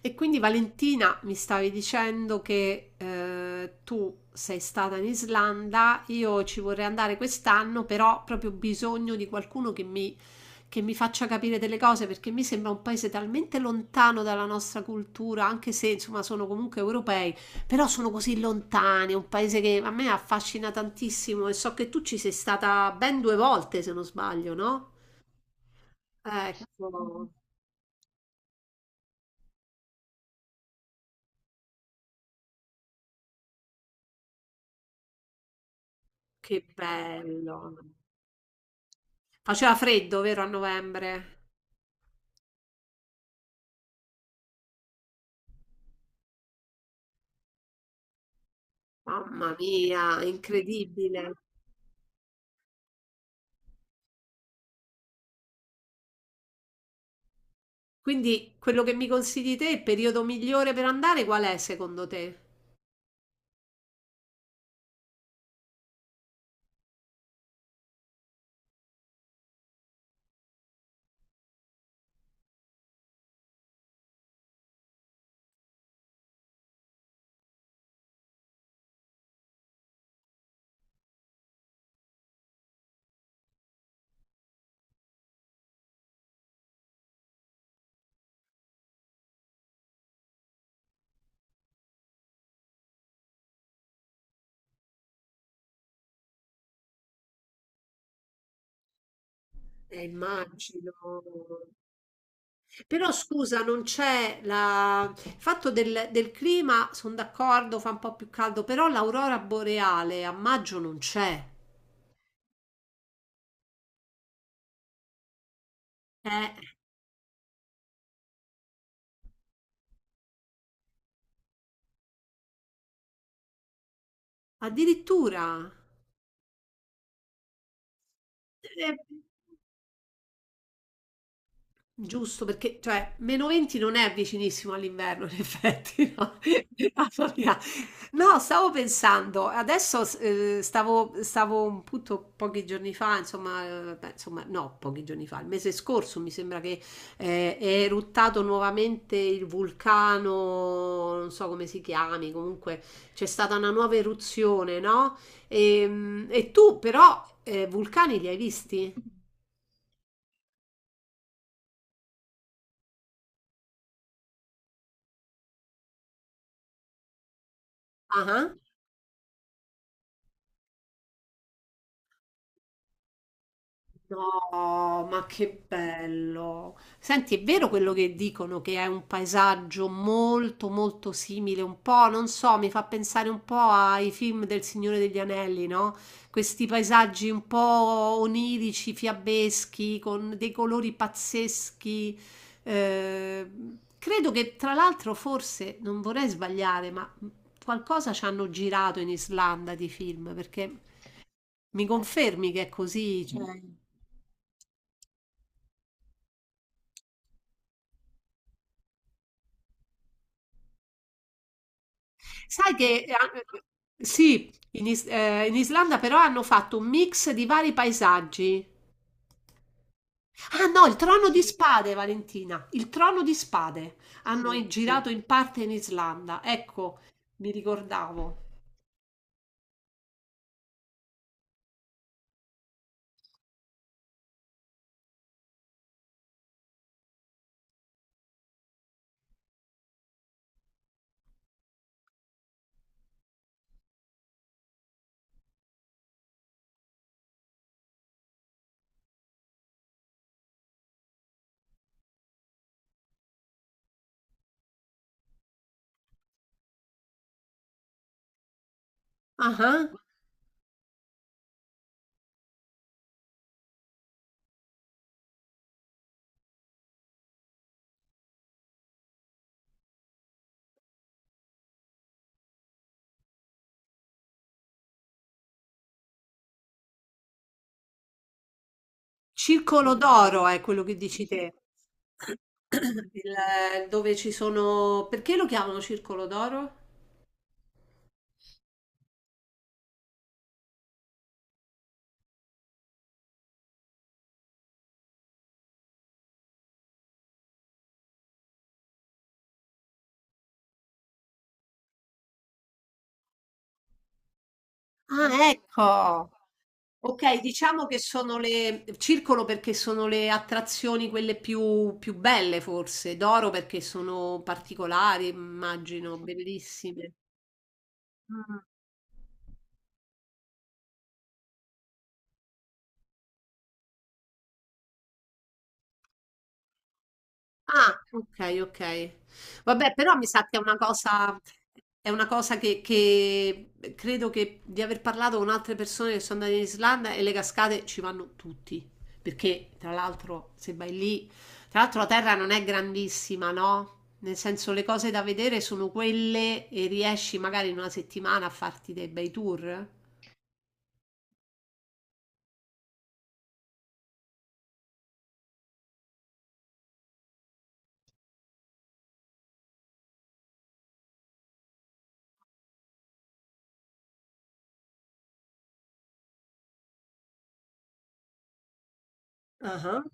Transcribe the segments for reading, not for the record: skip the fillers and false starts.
E quindi Valentina mi stavi dicendo che tu sei stata in Islanda, io ci vorrei andare quest'anno, però ho proprio bisogno di qualcuno che mi faccia capire delle cose perché mi sembra un paese talmente lontano dalla nostra cultura, anche se insomma sono comunque europei, però sono così lontani, è un paese che a me affascina tantissimo e so che tu ci sei stata ben due volte, se non sbaglio, no? Ecco, che bello. Faceva freddo, vero, a novembre? Mamma mia, incredibile. Quindi quello che mi consigli te, il periodo migliore per andare, qual è secondo te? Immagino. Però scusa, non c'è la... il fatto del clima, sono d'accordo, fa un po' più caldo, però l'aurora boreale a maggio non c'è. Eh, addirittura. Eh, Giusto, perché cioè meno 20 non è vicinissimo all'inverno, in effetti, no? Mamma mia. No, stavo pensando, stavo appunto pochi giorni fa, insomma, beh, insomma, no, pochi giorni fa, il mese scorso mi sembra che è eruttato nuovamente il vulcano, non so come si chiami, comunque c'è stata una nuova eruzione, no? E, tu però vulcani li hai visti? Ah. No, ma che bello. Senti, è vero quello che dicono che è un paesaggio molto molto simile, un po', non so, mi fa pensare un po' ai film del Signore degli Anelli, no? Questi paesaggi un po' onirici, fiabeschi, con dei colori pazzeschi. Eh, credo che tra l'altro forse, non vorrei sbagliare, ma qualcosa ci hanno girato in Islanda di film, perché mi confermi che è così, cioè... Sai che an- sì, in, Is- in Islanda però hanno fatto un mix di vari paesaggi. Ah no, il trono di spade, Valentina, il trono di spade. Hanno girato in parte in Islanda. Ecco, mi ricordavo. Ah, ah. Circolo d'oro è quello che dici te. Il- Dove ci sono... Perché lo chiamano circolo d'oro? Ah, ecco. Okay, diciamo che sono le circolo perché sono le attrazioni quelle più belle forse, d'oro perché sono particolari, immagino, bellissime. Mh. Ah, ok, ok. Vabbè, però mi sa che è una cosa che credo che di aver parlato con altre persone che sono andate in Islanda e le cascate ci vanno tutti. Perché, tra l'altro, se vai lì, tra l'altro la terra non è grandissima, no? Nel senso, le cose da vedere sono quelle e riesci magari in una settimana a farti dei bei tour. Ah.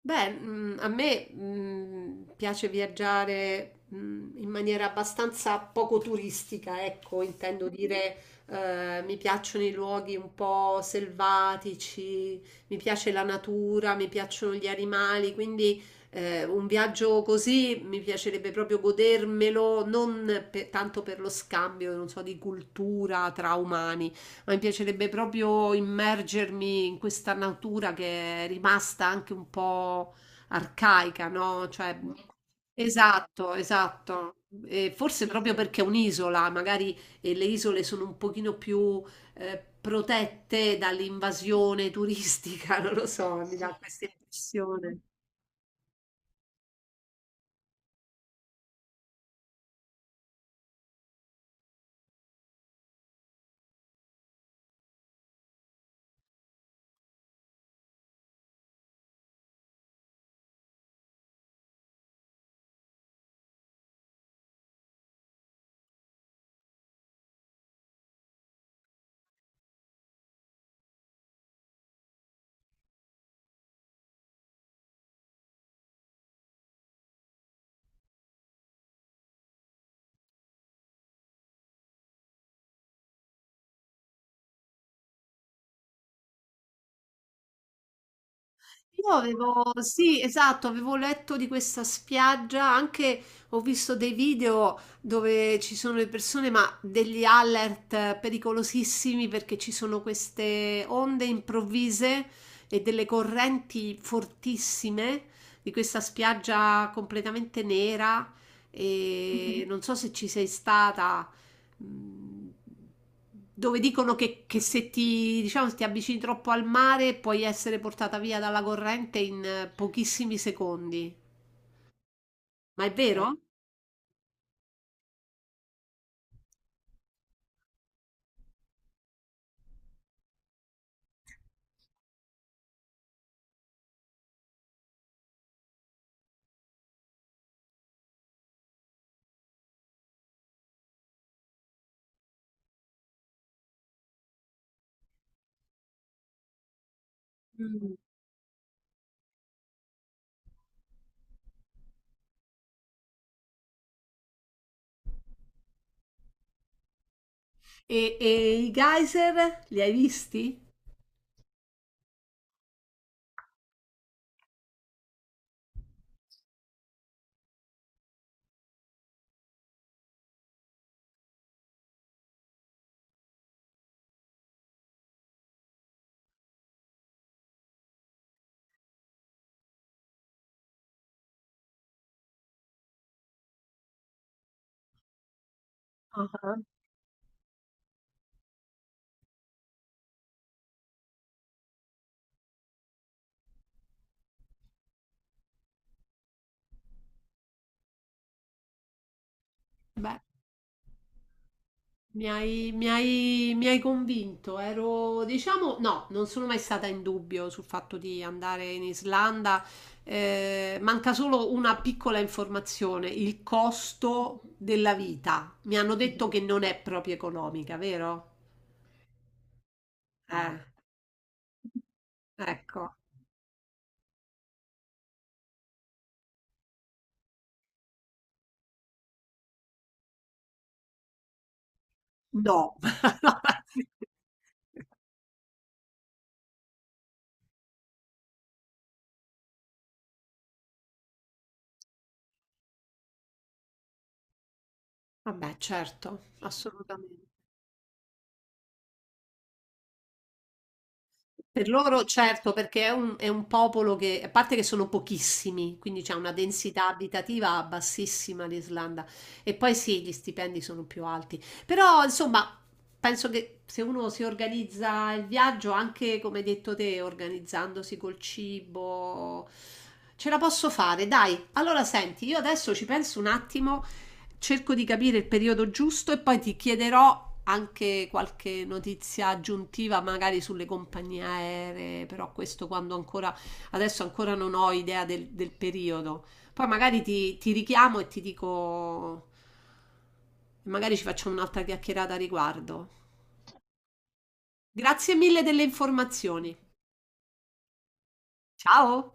Beh, a me piace viaggiare in maniera abbastanza poco turistica, ecco, intendo dire, mi piacciono i luoghi un po' selvatici, mi piace la natura, mi piacciono gli animali, quindi un viaggio così mi piacerebbe proprio godermelo, non per- tanto per lo scambio, non so, di cultura tra umani ma mi piacerebbe proprio immergermi in questa natura che è rimasta anche un po' arcaica, no? Cioè, esatto, esatto. E forse proprio perché è un'isola, magari le isole sono un pochino più protette dall'invasione turistica, non lo so, mi dà questa impressione. Io avevo, sì, esatto, avevo letto di questa spiaggia, anche ho visto dei video dove ci sono le persone, ma degli alert pericolosissimi perché ci sono queste onde improvvise e delle correnti fortissime di questa spiaggia completamente nera e non so se ci sei stata, mh, dove dicono che se ti, diciamo, se ti avvicini troppo al mare puoi essere portata via dalla corrente in pochissimi secondi. Ma è vero? Mm. E i geyser li hai visti? Ah, beh, mi hai convinto, ero, diciamo, no, non sono mai stata in dubbio sul fatto di andare in Islanda. Manca solo una piccola informazione, il costo della vita. Mi hanno detto che non è proprio economica, vero? Eh, ecco, no. Vabbè, certo, assolutamente. Per loro, certo, perché è un popolo che, a parte che sono pochissimi, quindi c'è una densità abitativa bassissima l'Islanda. E poi sì, gli stipendi sono più alti. Però, insomma, penso che se uno si organizza il viaggio, anche come hai detto te, organizzandosi col cibo, ce la posso fare. Dai, allora senti, io adesso ci penso un attimo. Cerco di capire il periodo giusto e poi ti chiederò anche qualche notizia aggiuntiva, magari sulle compagnie aeree, però questo quando ancora, adesso ancora non ho idea del periodo. Poi magari ti richiamo e ti dico, magari ci facciamo un'altra chiacchierata a riguardo. Grazie mille delle informazioni. Ciao!